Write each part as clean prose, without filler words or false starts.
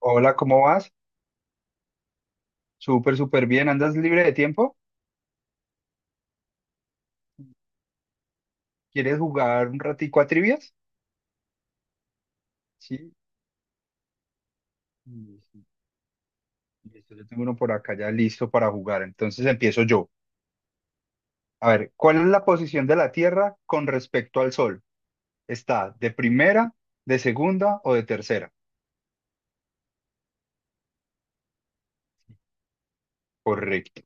Hola, ¿cómo vas? Súper, súper bien. ¿Andas libre de tiempo? ¿Quieres jugar un ratico a trivias? Sí. Mm, sí. Listo, yo tengo uno por acá ya listo para jugar. Entonces empiezo yo. A ver, ¿cuál es la posición de la Tierra con respecto al Sol? ¿Está de primera, de segunda o de tercera? Correcto.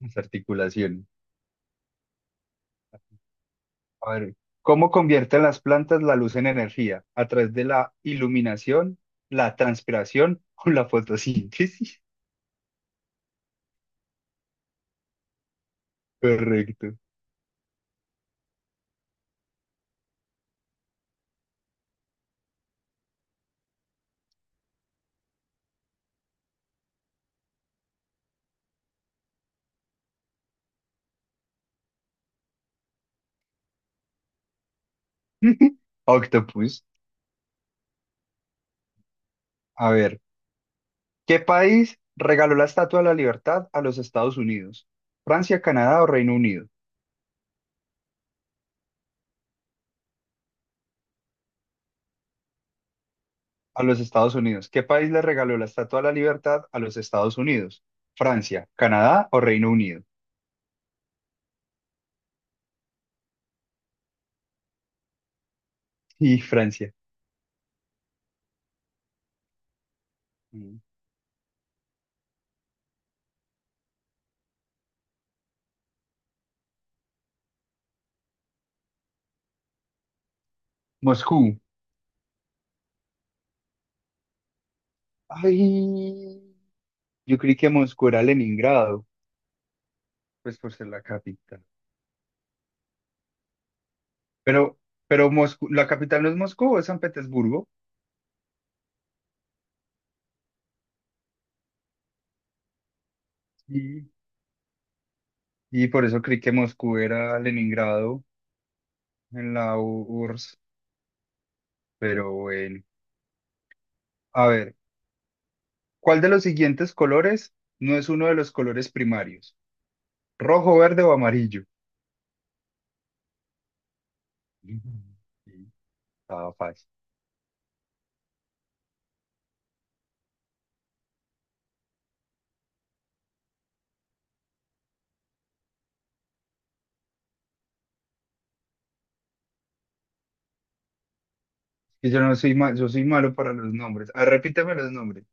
Las articulaciones. A ver, ¿cómo convierten las plantas la luz en energía? ¿A través de la iluminación, la transpiración o la fotosíntesis? Correcto. Octopus. A ver, ¿qué país regaló la Estatua de la Libertad a los Estados Unidos? ¿Francia, Canadá o Reino Unido? A los Estados Unidos. ¿Qué país le regaló la Estatua de la Libertad a los Estados Unidos? ¿Francia, Canadá o Reino Unido? Y Francia. Mm. Moscú. Ay, yo creí que Moscú era Leningrado, pues por ser la capital. Pero, pero Moscú, la capital no es Moscú, es San Petersburgo. Y, Y por eso creí que Moscú era Leningrado en la URSS, pero bueno. A ver, ¿cuál de los siguientes colores no es uno de los colores primarios? ¿Rojo, verde o amarillo? Mm, sí. Estaba fácil. Y yo no soy yo soy malo para los nombres. Ah, repíteme los nombres.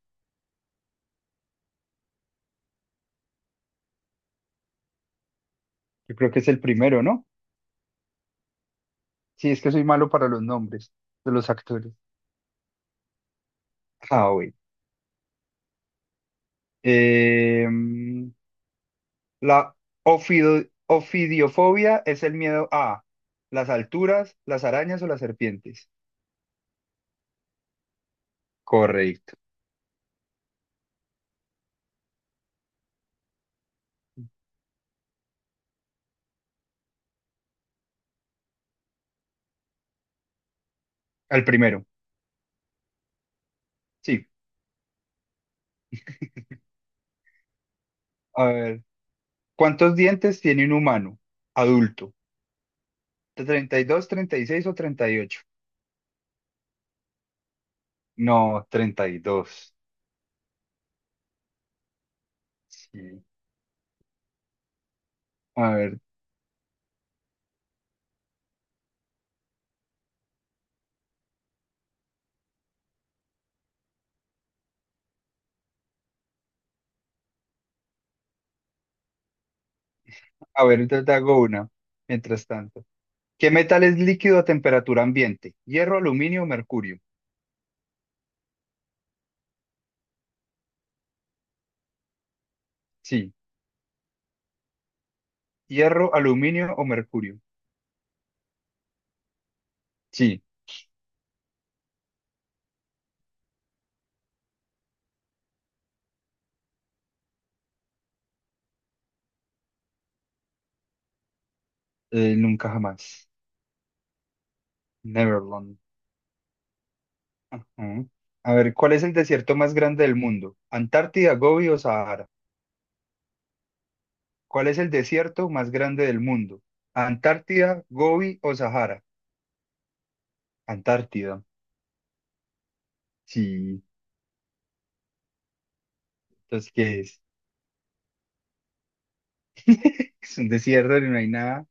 Yo creo que es el primero, ¿no? Sí, es que soy malo para los nombres de los actores. Ah, bueno. Em, la ofidiofobia es el miedo a las alturas, las arañas o las serpientes. Correcto. Al primero. Sí. A ver, ¿cuántos dientes tiene un humano adulto? Treinta y dos, 36 o 38? No, 32. Sí. A ver, a ver, te hago una. Mientras tanto, ¿qué metal es líquido a temperatura ambiente? ¿Hierro, aluminio o mercurio? Sí. ¿Hierro, aluminio o mercurio? Sí. Nunca jamás. Neverland. Ajá. A ver, ¿cuál es el desierto más grande del mundo? ¿Antártida, Gobi o Sahara? ¿Cuál es el desierto más grande del mundo? ¿Antártida, Gobi o Sahara? Antártida. Sí. Entonces, ¿qué es? Es un desierto y no hay nada.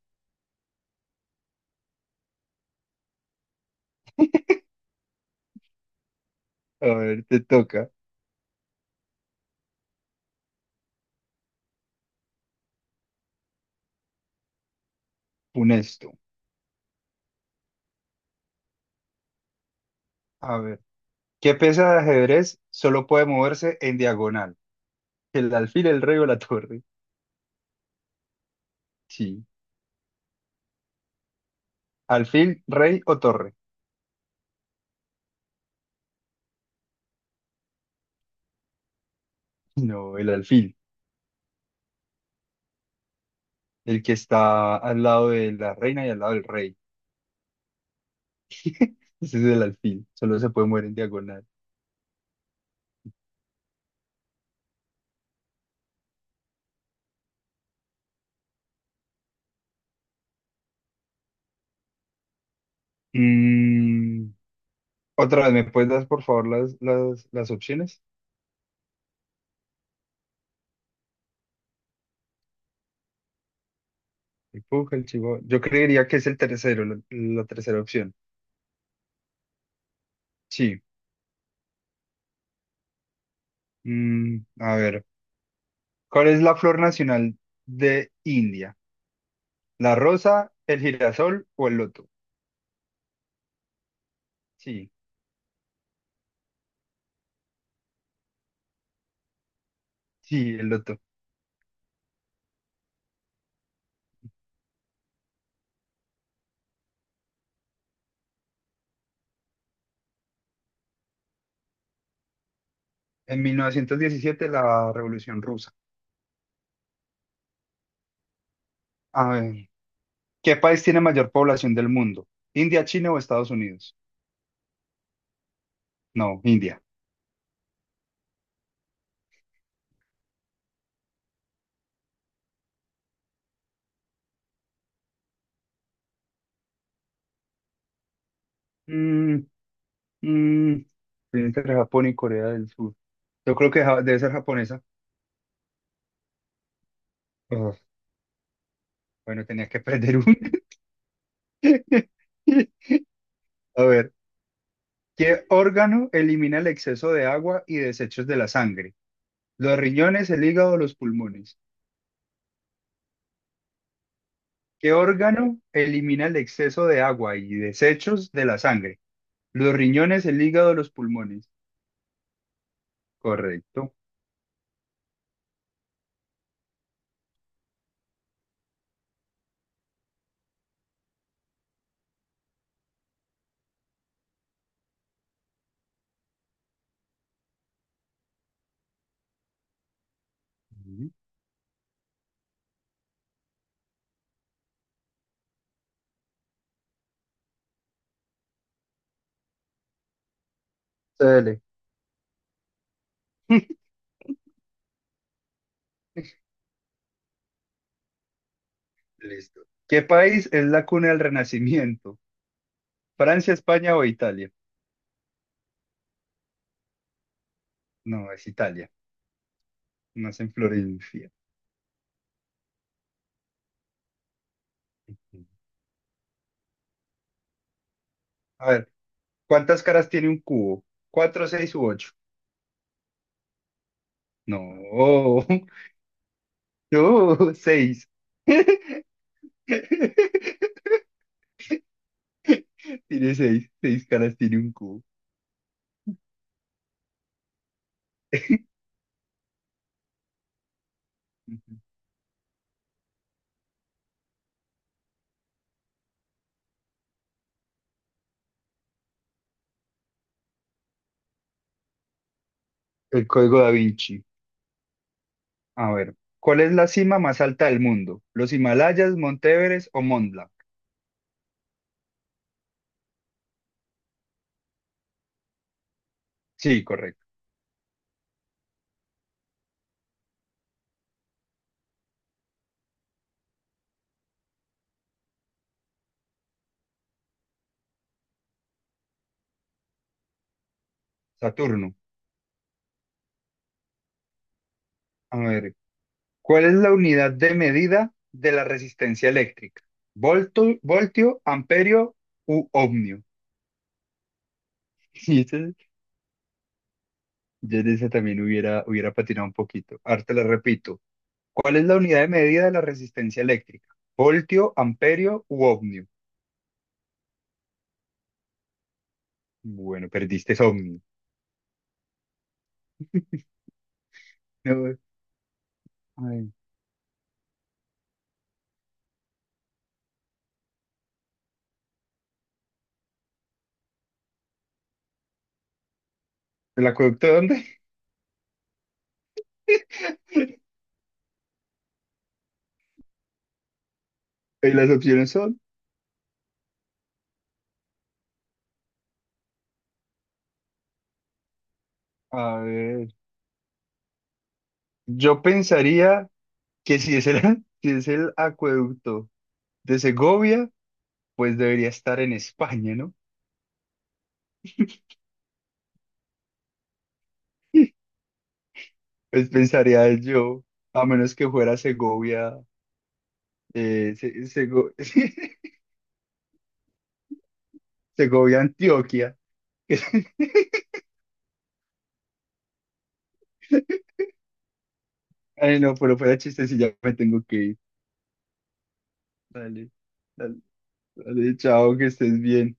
A ver, te toca. Funesto. A ver. ¿Qué pieza de ajedrez solo puede moverse en diagonal? ¿El alfil, el rey o la torre? Sí. ¿Alfil, rey o torre? No, el alfil. El que está al lado de la reina y al lado del rey. Ese es el alfil. Solo se puede mover en diagonal. Mm, Otra vez, ¿me puedes dar por favor las opciones? El Puja, el Chivo. Yo creería que es el tercero, la tercera opción. Sí. A ver, ¿cuál es la flor nacional de India? ¿La rosa, el girasol o el loto? Sí, sí, el loto. En 1917, la Revolución Rusa. A ver, ¿qué país tiene mayor población del mundo? ¿India, China o Estados Unidos? No, India. Mm, mm, Estoy entre Japón y Corea del Sur. Yo creo que debe ser japonesa. Bueno, tenías que perder un. A ver, ¿qué órgano elimina el exceso de agua y desechos de la sangre? Los riñones, el hígado, los pulmones. ¿Qué órgano elimina el exceso de agua y desechos de la sangre? Los riñones, el hígado, los pulmones. Correcto. Ujú. Dale. Listo. ¿Qué país es la cuna del Renacimiento? ¿Francia, España o Italia? No, es Italia. Nace en Florencia. A ver, ¿cuántas caras tiene un cubo? ¿Cuatro, seis u ocho? No, no, seis. Tiene seis, seis caras, tiene un cubo. Ujú. El código Da Vinci. A ver, ¿cuál es la cima más alta del mundo? ¿Los Himalayas, Monte Everest o Mont Blanc? Sí, correcto. Saturno. A ver, ¿cuál es la unidad de medida de la resistencia eléctrica? Voltio, amperio u ohmio? Y ese- yo en ese también hubiera patinado un poquito. Ahora te la repito. ¿Cuál es la unidad de medida de la resistencia eléctrica? ¿Voltio, amperio u ohmio? Bueno, perdiste es ohmio. No, ay, ¿el acueducto de dónde? Y las opciones son, a ver, yo pensaría que si es el, si es el acueducto de Segovia, pues debería estar en España, ¿no? Pues pensaría yo, a menos que fuera Segovia, eh, Se- Sego- Segovia, Antioquia. Ay, no, pero fuera chiste si ya me tengo que ir. Dale, dale. Vale, chao, que estés bien.